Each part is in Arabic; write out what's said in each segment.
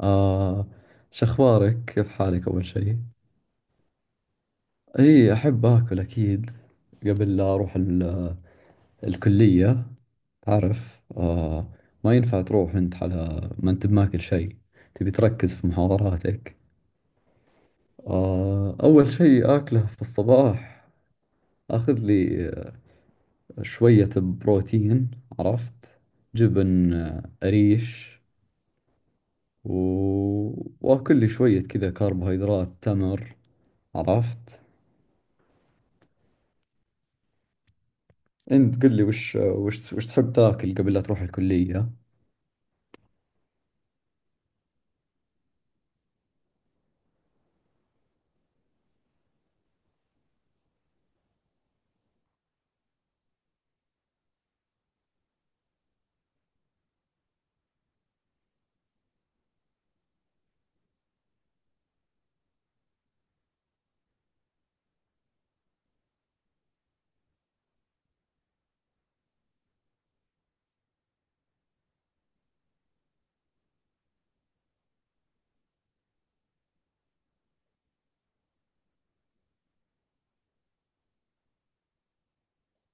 آه، شخبارك؟ كيف حالك أول شيء؟ إي، أحب أكل أكيد. قبل لا أروح الكلية، تعرف، ما ينفع تروح أنت على ما أنت بماكل شيء، تبي تركز في محاضراتك. أول شيء آكله في الصباح، آخذ لي شوية بروتين، عرفت؟ جبن، قريش، و... وآكل لي شوية كذا كربوهيدرات، تمر، عرفت؟ انت قل لي، وش تحب تاكل قبل لا تروح الكلية؟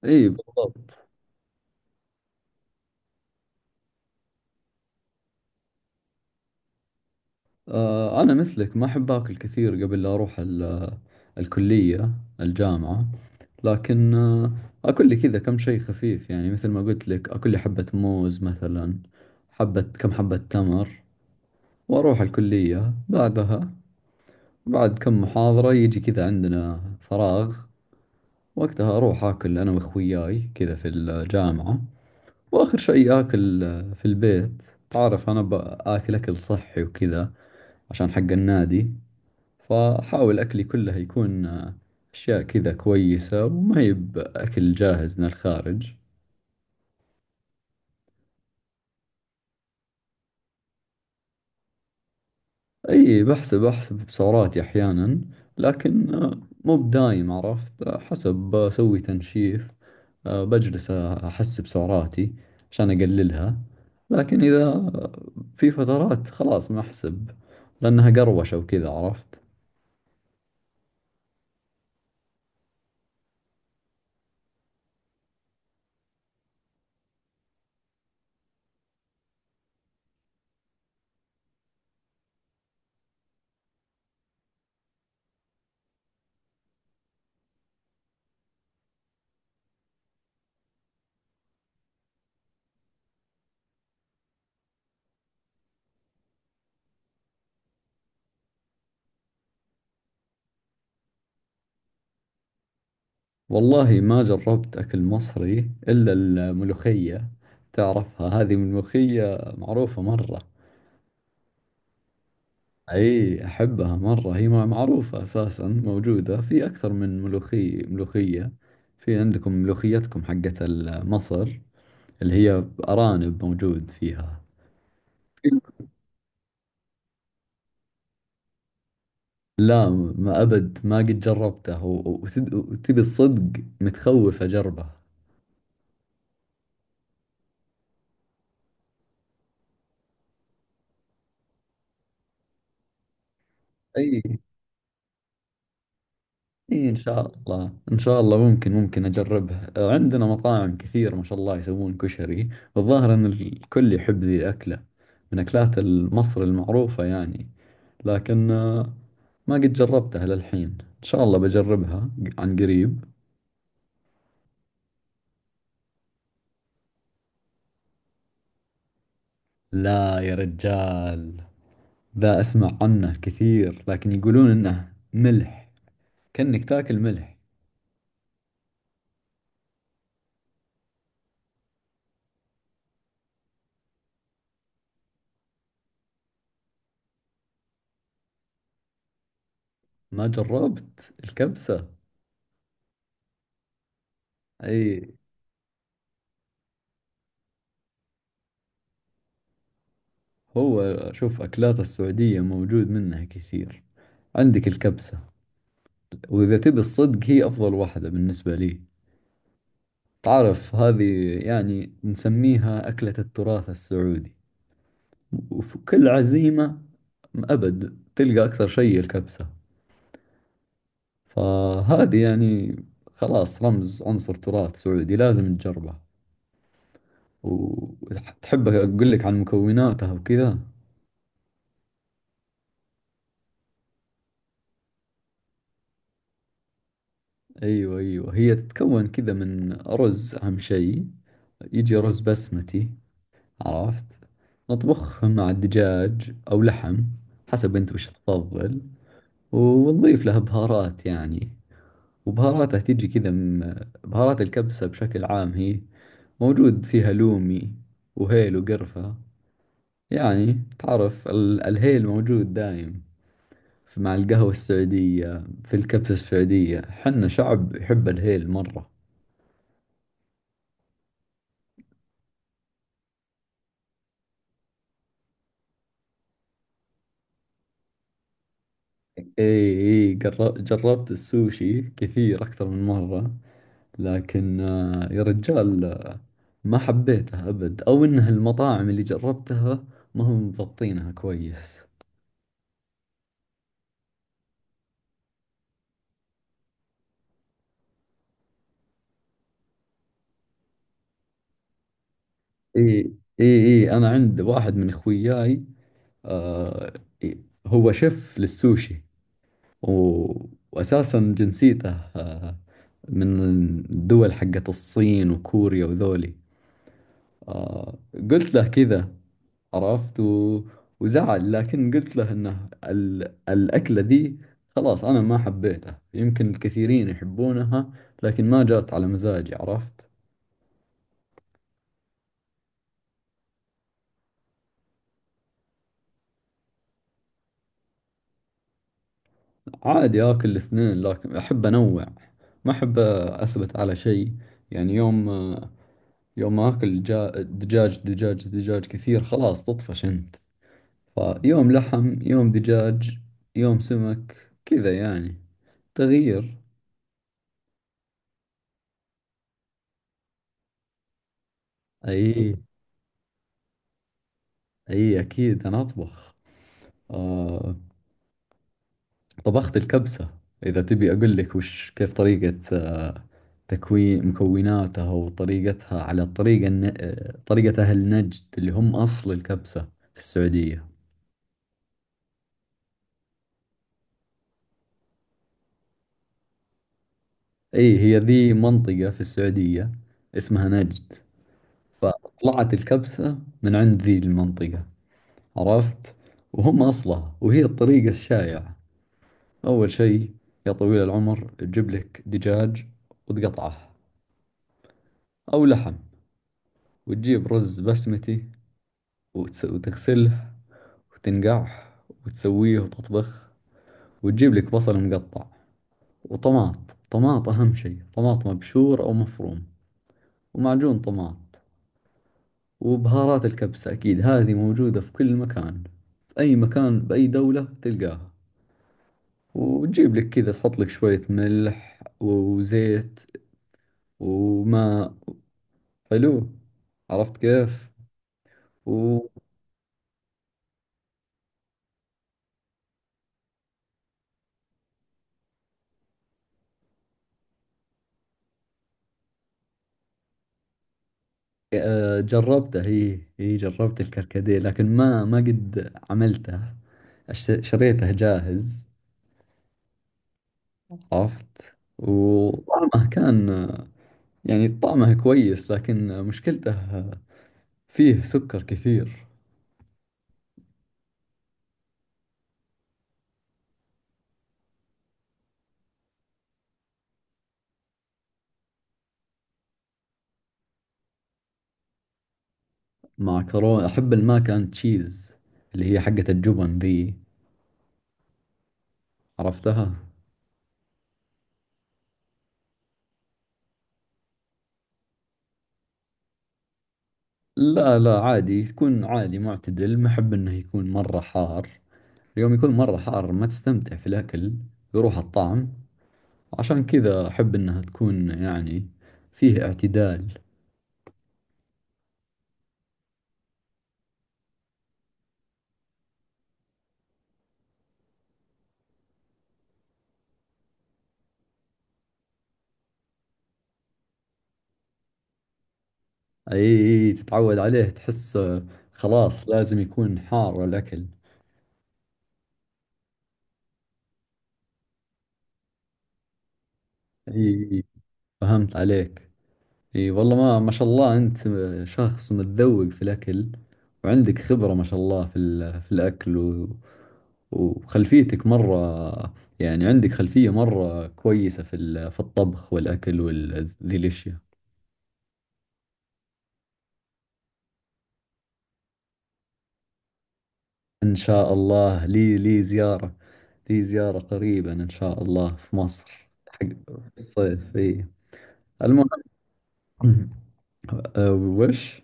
اي، بالضبط. انا مثلك، ما احب اكل كثير قبل لا اروح ال- الكلية الجامعة. لكن اكل لي كذا كم شيء خفيف، يعني مثل ما قلت لك، اكل لي حبة موز مثلا، كم حبة تمر، واروح الكلية بعدها. بعد كم محاضرة يجي كذا عندنا فراغ، وقتها اروح اكل انا واخوياي كذا في الجامعة. واخر شيء اكل في البيت. تعرف، انا باكل اكل صحي وكذا عشان حق النادي، فحاول اكلي كله يكون اشياء كذا كويسة، وما يب اكل جاهز من الخارج. اي، احسب سعراتي احيانا، لكن مو بدايم، عرفت؟ حسب بسوي تنشيف، بجلس احسب سعراتي عشان اقللها. لكن اذا في فترات خلاص ما احسب، لأنها قروشة وكذا، عرفت؟ والله ما جربت أكل مصري إلا الملوخية. تعرفها، هذه الملوخية معروفة مرة. أي، أحبها مرة. هي معروفة أساسا، موجودة في أكثر من ملوخية. في عندكم ملوخيتكم حقت مصر، اللي هي أرانب موجود فيها. لا، ما أبد، ما قد جربته، وتبي الصدق، متخوف أجربه. أي، إيه، إن شاء الله إن شاء الله، ممكن أجربها. عندنا مطاعم كثير ما شاء الله يسوون كشري، والظاهر أن الكل يحب ذي الأكلة، من أكلات مصر المعروفة يعني. لكن ما قد جربتها للحين، إن شاء الله بجربها عن قريب. لا يا رجال، ذا أسمع عنه كثير، لكن يقولون إنه ملح، كأنك تاكل ملح. ما جربت الكبسة. أي، هو شوف، أكلات السعودية موجود منها كثير. عندك الكبسة، وإذا تبي الصدق هي أفضل واحدة بالنسبة لي. تعرف، هذه يعني نسميها أكلة التراث السعودي، وفي كل عزيمة أبد تلقى أكثر شيء الكبسة. فهذه يعني خلاص رمز، عنصر تراث سعودي، لازم تجربه. وتحب أقول لك عن مكوناتها وكذا؟ أيوة، أيوة، هي تتكون كذا من أرز أهم شيء، يجي رز بسمتي، عرفت؟ نطبخهم مع الدجاج أو لحم، حسب أنت وش تفضل، ونضيف لها بهارات يعني. وبهاراتها تيجي كذا من بهارات الكبسة. بشكل عام، هي موجود فيها لومي وهيل وقرفة. يعني تعرف، الهيل موجود دايم مع القهوة السعودية، في الكبسة السعودية. حنا شعب يحب الهيل مرة. اي، اي، جربت السوشي كثير، أكثر من مرة، لكن يا رجال ما حبيتها أبد. أو إنها المطاعم اللي جربتها ما هم مضبطينها كويس. إي، إي، إي، أنا عند واحد من إخوياي، آه إي- هو شيف للسوشي، و... وأساسا جنسيته آه من الدول حقت الصين وكوريا وذولي. آه قلت له كذا، عرفت، وزعل، لكن قلت له انه الأكلة ذي خلاص أنا ما حبيتها. يمكن الكثيرين يحبونها، لكن ما جات على مزاجي، عرفت؟ عادي، آكل الاثنين، لكن أحب أنوع، ما أحب أثبت على شيء. يعني يوم، يوم آكل دجاج، دجاج دجاج كثير خلاص تطفش أنت. فيوم لحم، يوم دجاج، يوم سمك، كذا يعني، تغيير. أي، أي، أكيد أنا أطبخ. آه طبخت الكبسة. إذا تبي أقول لك وش، كيف طريقة تكوين مكوناتها وطريقتها، على الطريقة الن... آه، طريقة أهل نجد، اللي هم أصل الكبسة في السعودية. أي، هي ذي منطقة في السعودية اسمها نجد، فطلعت الكبسة من عند ذي المنطقة، عرفت، وهم أصلها، وهي الطريقة الشائعة. أول شيء يا طويل العمر، تجيب لك دجاج وتقطعه، أو لحم، وتجيب رز بسمتي، وتغسله وتنقعه وتسويه وتطبخ، وتجيب لك بصل مقطع وطماط. طماط أهم شيء، طماط مبشور أو مفروم، ومعجون طماط، وبهارات الكبسة. أكيد هذه موجودة في كل مكان، في أي مكان بأي دولة تلقاها. وتجيب لك كذا، تحط لك شوية ملح وزيت وماء. حلو، عرفت كيف؟ و... آه، جربته. هي جربت الكركديه، لكن ما قد عملته، شريته جاهز، عرفت، وطعمه كان يعني طعمه كويس، لكن مشكلته فيه سكر كثير. مع كورونا أحب الماك أند تشيز، اللي هي حقة الجبن ذي، عرفتها؟ لا، لا، عادي، تكون عادي معتدل. ما أحب إنه يكون مرة حار. اليوم يكون مرة حار، ما تستمتع في الأكل، يروح الطعم. عشان كذا أحب إنها تكون يعني فيه اعتدال. أي، تتعود عليه، تحس خلاص لازم يكون حار الأكل. أي، أي، فهمت عليك. أي، والله، ما شاء الله، أنت شخص متذوق في الأكل، وعندك خبرة ما شاء الله في الأكل، و وخلفيتك مرة، يعني عندك خلفية مرة كويسة في الطبخ والأكل ذي الأشياء. إن شاء الله، لي زيارة قريبا إن شاء الله في مصر، حق الصيف. إي، المهم، أه، وش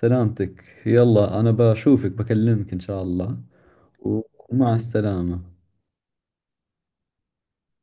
سلامتك، يلا، أنا بشوفك، بكلمك إن شاء الله، ومع السلامة.